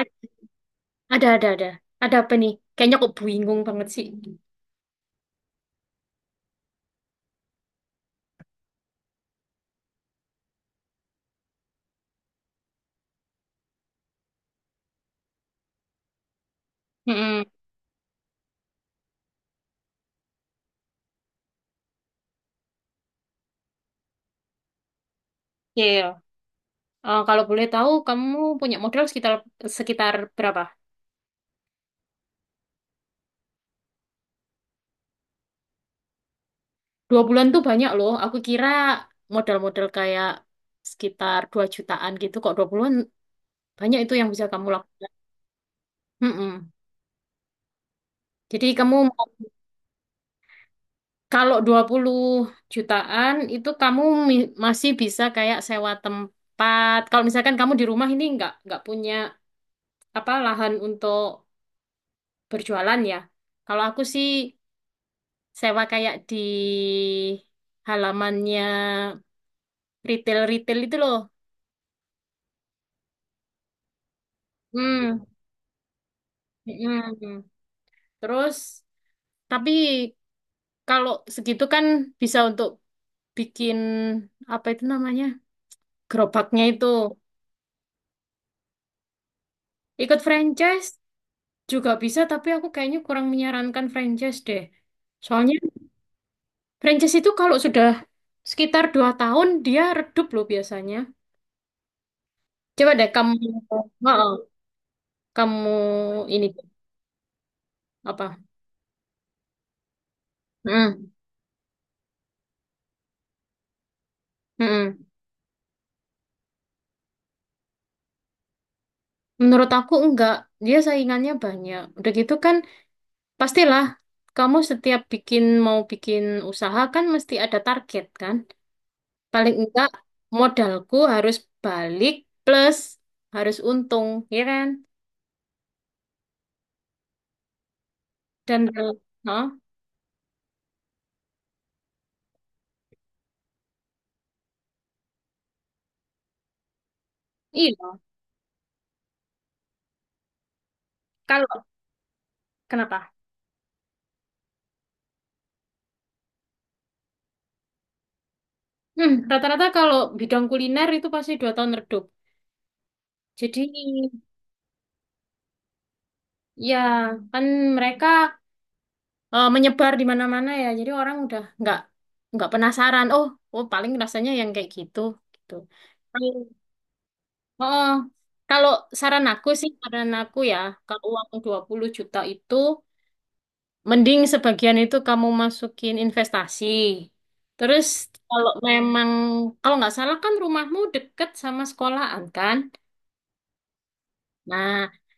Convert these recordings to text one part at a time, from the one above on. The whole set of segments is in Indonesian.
Ad- ada, ada. Ada apa nih? Kayaknya kok bingung banget sih. Mm-mm. Iya, iya. Eh, kalau boleh tahu, kamu punya modal sekitar sekitar berapa? Dua bulan tuh banyak loh. Aku kira modal-modal kayak sekitar 2 jutaan gitu. Kok 20 bulan banyak itu yang bisa kamu lakukan. Mm-mm. Jadi kamu mau- Kalau 20 jutaan itu kamu masih bisa kayak sewa tempat. Kalau misalkan kamu di rumah ini nggak punya apa lahan untuk berjualan ya. Kalau aku sih sewa kayak di halamannya retail-retail itu loh. Hmm. Mm-mm. Terus, tapi kalau segitu kan bisa untuk bikin apa itu namanya? Gerobaknya itu. Ikut franchise juga bisa, tapi aku kayaknya kurang menyarankan franchise deh. Soalnya franchise itu kalau sudah sekitar 2 tahun dia redup loh biasanya. Coba deh kamu. Heeh. Kamu ini apa? Mm, mm-mm. Menurut aku enggak, dia saingannya banyak. Udah gitu kan, pastilah kamu setiap bikin mau bikin usaha kan mesti ada target kan. Paling enggak modalku harus balik plus harus untung, ya kan? Dan Hah? Iya. Kalau kenapa? Hmm, rata-rata kalau bidang kuliner itu pasti 2 tahun redup. Jadi ya kan mereka menyebar di mana-mana ya. Jadi orang udah nggak penasaran. Oh, oh paling rasanya yang kayak gitu gitu. Kalau- Oh, kalau saran aku ya, kalau uang 20 juta itu mending sebagian itu kamu masukin investasi. Terus kalau memang kalau nggak salah kan rumahmu deket sama sekolahan kan? Nah,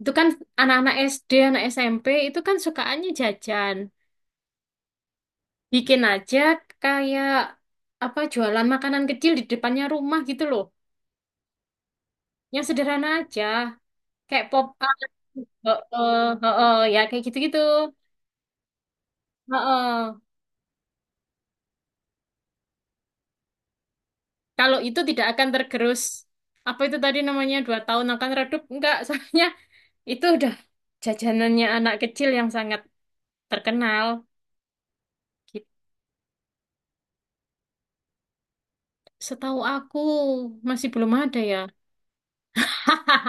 itu kan anak-anak SD, anak SMP itu kan sukaannya jajan. Bikin aja kayak apa jualan makanan kecil di depannya rumah gitu loh. Yang sederhana aja, kayak pop up. Heeh, heeh, ya kayak gitu-gitu. Heeh. Kalau itu tidak akan tergerus. Apa itu tadi namanya 2 tahun akan redup? Enggak, soalnya itu udah jajanannya anak kecil yang sangat terkenal. Gitu. Setahu aku masih belum ada ya. Hah,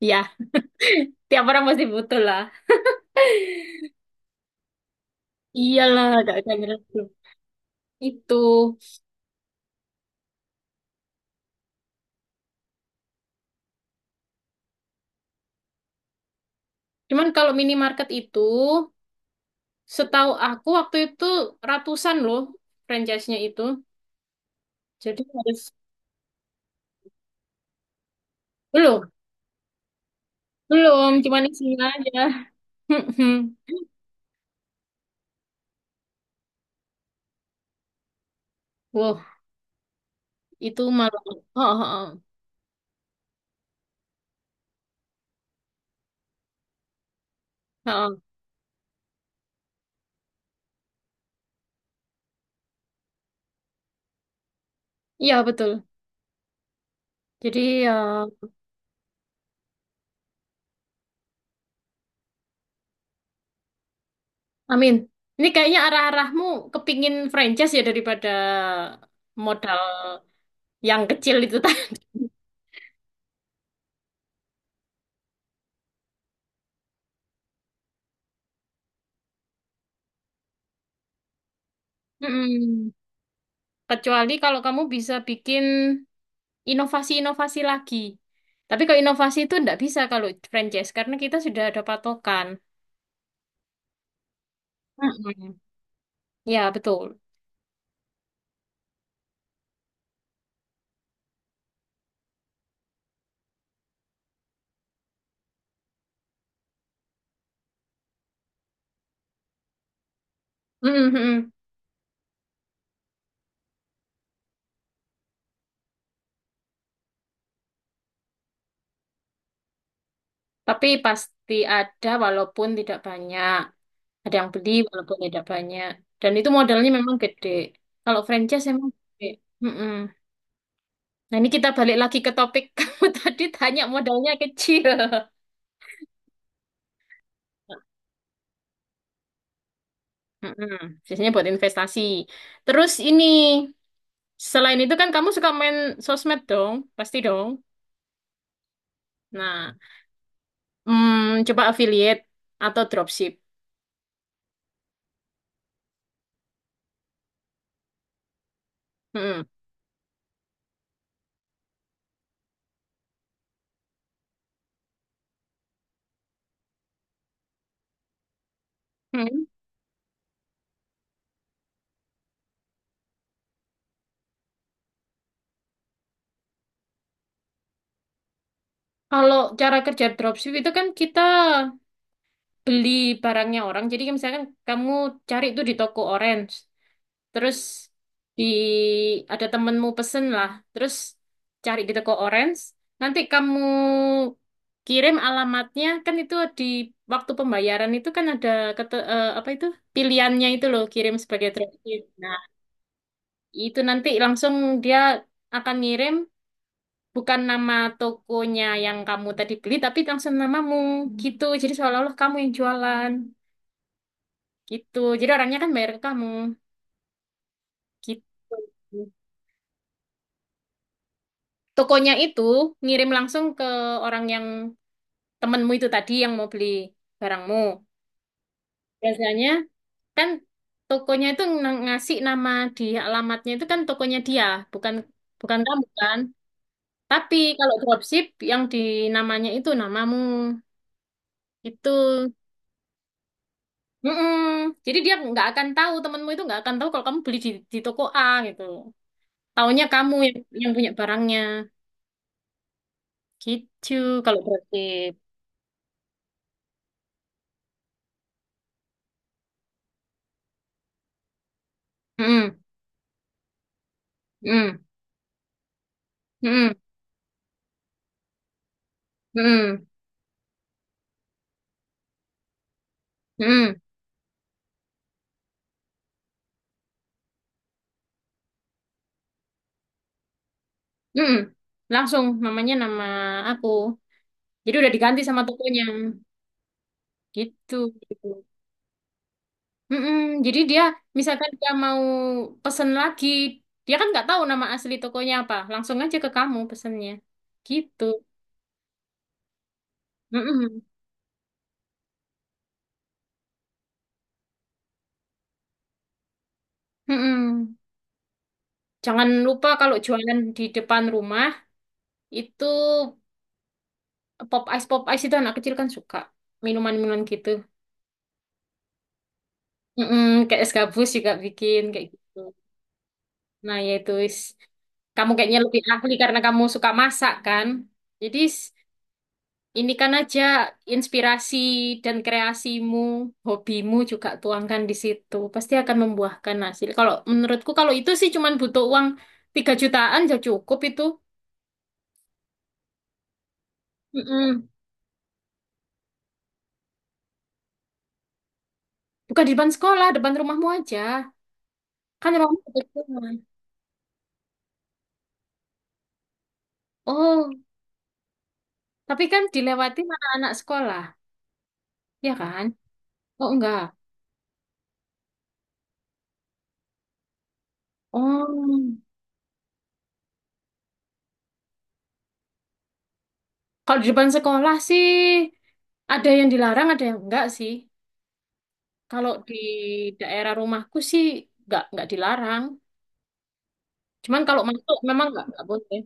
ya, tiap orang pasti butuh lah. Iyalah, gak akan redup. Itu. Cuman kalau minimarket itu, setahu aku waktu itu ratusan loh franchise-nya itu. Jadi harus belum, belum, cuman isinya aja. Wow, itu malah. Oh, oh, oh. Oh, oh. Iya betul. Jadi ya, amin. Ini kayaknya arah-arahmu kepingin franchise ya daripada modal yang kecil itu tadi. Mm-mm. Kecuali kalau kamu bisa bikin inovasi-inovasi lagi. Tapi kalau inovasi itu nggak bisa kalau franchise karena kita sudah ada patokan. Mm-mm. Ya, betul. Mm, mm, mm. Tapi pasti ada walaupun tidak banyak. Ada yang beli walaupun tidak banyak. Dan itu modalnya memang gede. Kalau franchise emang gede. Mm, mm. Nah, ini kita balik lagi ke topik kamu tadi tanya modalnya kecil. Mm-mm. Biasanya buat investasi. Terus ini, selain itu kan kamu suka main sosmed dong? Pasti dong. Nah, coba affiliate atau dropship. Mm. Hmm. Kalau cara kerja dropship itu kan kita beli barangnya orang. Jadi kayak misalkan kamu cari itu di toko orange, terus di ada temenmu pesen lah, terus cari di toko orange. Nanti kamu kirim alamatnya kan itu di waktu pembayaran itu kan ada apa itu pilihannya itu loh kirim sebagai dropship. Nah, itu nanti langsung dia akan ngirim bukan nama tokonya yang kamu tadi beli, tapi langsung namamu gitu. Jadi seolah-olah kamu yang jualan gitu. Jadi orangnya kan bayar ke kamu gitu. Tokonya itu ngirim langsung ke orang yang temenmu itu tadi yang mau beli barangmu. Biasanya kan tokonya itu ngasih nama di alamatnya itu kan tokonya dia, bukan bukan kamu kan. Tapi kalau dropship yang di namanya itu namamu. Itu. Mm-mm. Jadi dia nggak akan tahu temenmu itu nggak akan tahu kalau kamu beli di toko A gitu. Taunya kamu yang punya barangnya gitu kalau berarti. Mm-mm. Mm-mm. Mm-mm. Mm-mm. Mm-mm. Mm-mm. Langsung namanya nama aku. Jadi udah diganti sama tokonya gitu. Gitu. Mm-mm. Jadi dia Misalkan dia mau pesen lagi, dia kan nggak tahu nama asli tokonya apa. Langsung aja ke kamu pesennya. Gitu. Mm-mm. Mm-mm. Jangan lupa kalau jualan di depan rumah itu pop ice itu anak kecil kan suka minuman-minuman gitu. Mm-mm, kayak es gabus juga bikin kayak gitu. Nah yaitu. Kamu kayaknya lebih ahli karena kamu suka masak kan. Jadi s- ini kan aja inspirasi dan kreasimu, hobimu juga tuangkan di situ. Pasti akan membuahkan hasil. Kalau menurutku kalau itu sih cuman butuh uang 3 jutaan ya cukup itu. Mm-mm. Bukan di depan sekolah, depan rumahmu aja. Kan ruangnya gede. Oh, tapi kan dilewati anak-anak sekolah, ya kan? Oh, enggak. Oh, kalau di depan sekolah sih ada yang dilarang, ada yang enggak sih. Kalau di daerah rumahku sih enggak dilarang. Cuman kalau masuk memang enggak boleh.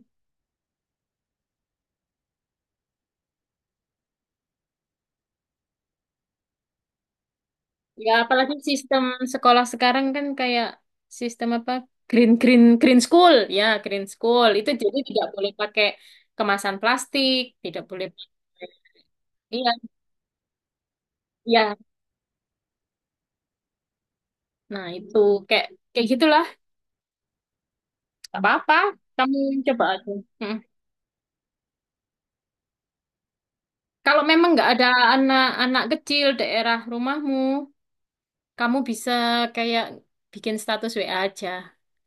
Ya, apalagi sistem sekolah sekarang kan kayak sistem apa? Green green green school, ya green school. Itu jadi tidak boleh pakai kemasan plastik, tidak boleh pakai. Iya, iya. Nah, itu kayak kayak gitulah. Gak apa-apa, kamu coba aja. Mm. Kalau memang nggak ada anak-anak kecil daerah rumahmu, kamu bisa kayak bikin status WA aja.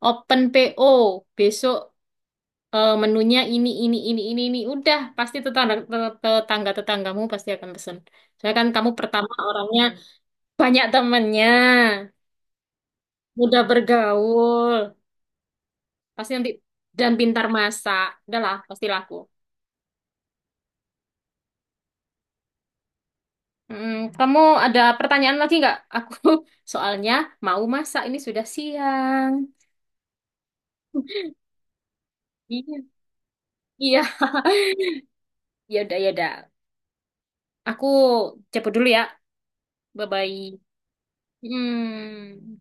Open PO, besok menunya ini, ini. Udah, pasti tetangga-tetanggamu pasti akan pesen. Soalnya kan kamu pertama orangnya banyak temennya, mudah bergaul, pasti nanti dan pintar masak. Udah lah, pasti laku. Mm, Kamu ada pertanyaan lagi nggak? Aku soalnya mau masak ini sudah siang. Iya. Iya, ya udah ya udah. Aku cepet dulu ya. Bye bye. Hmm.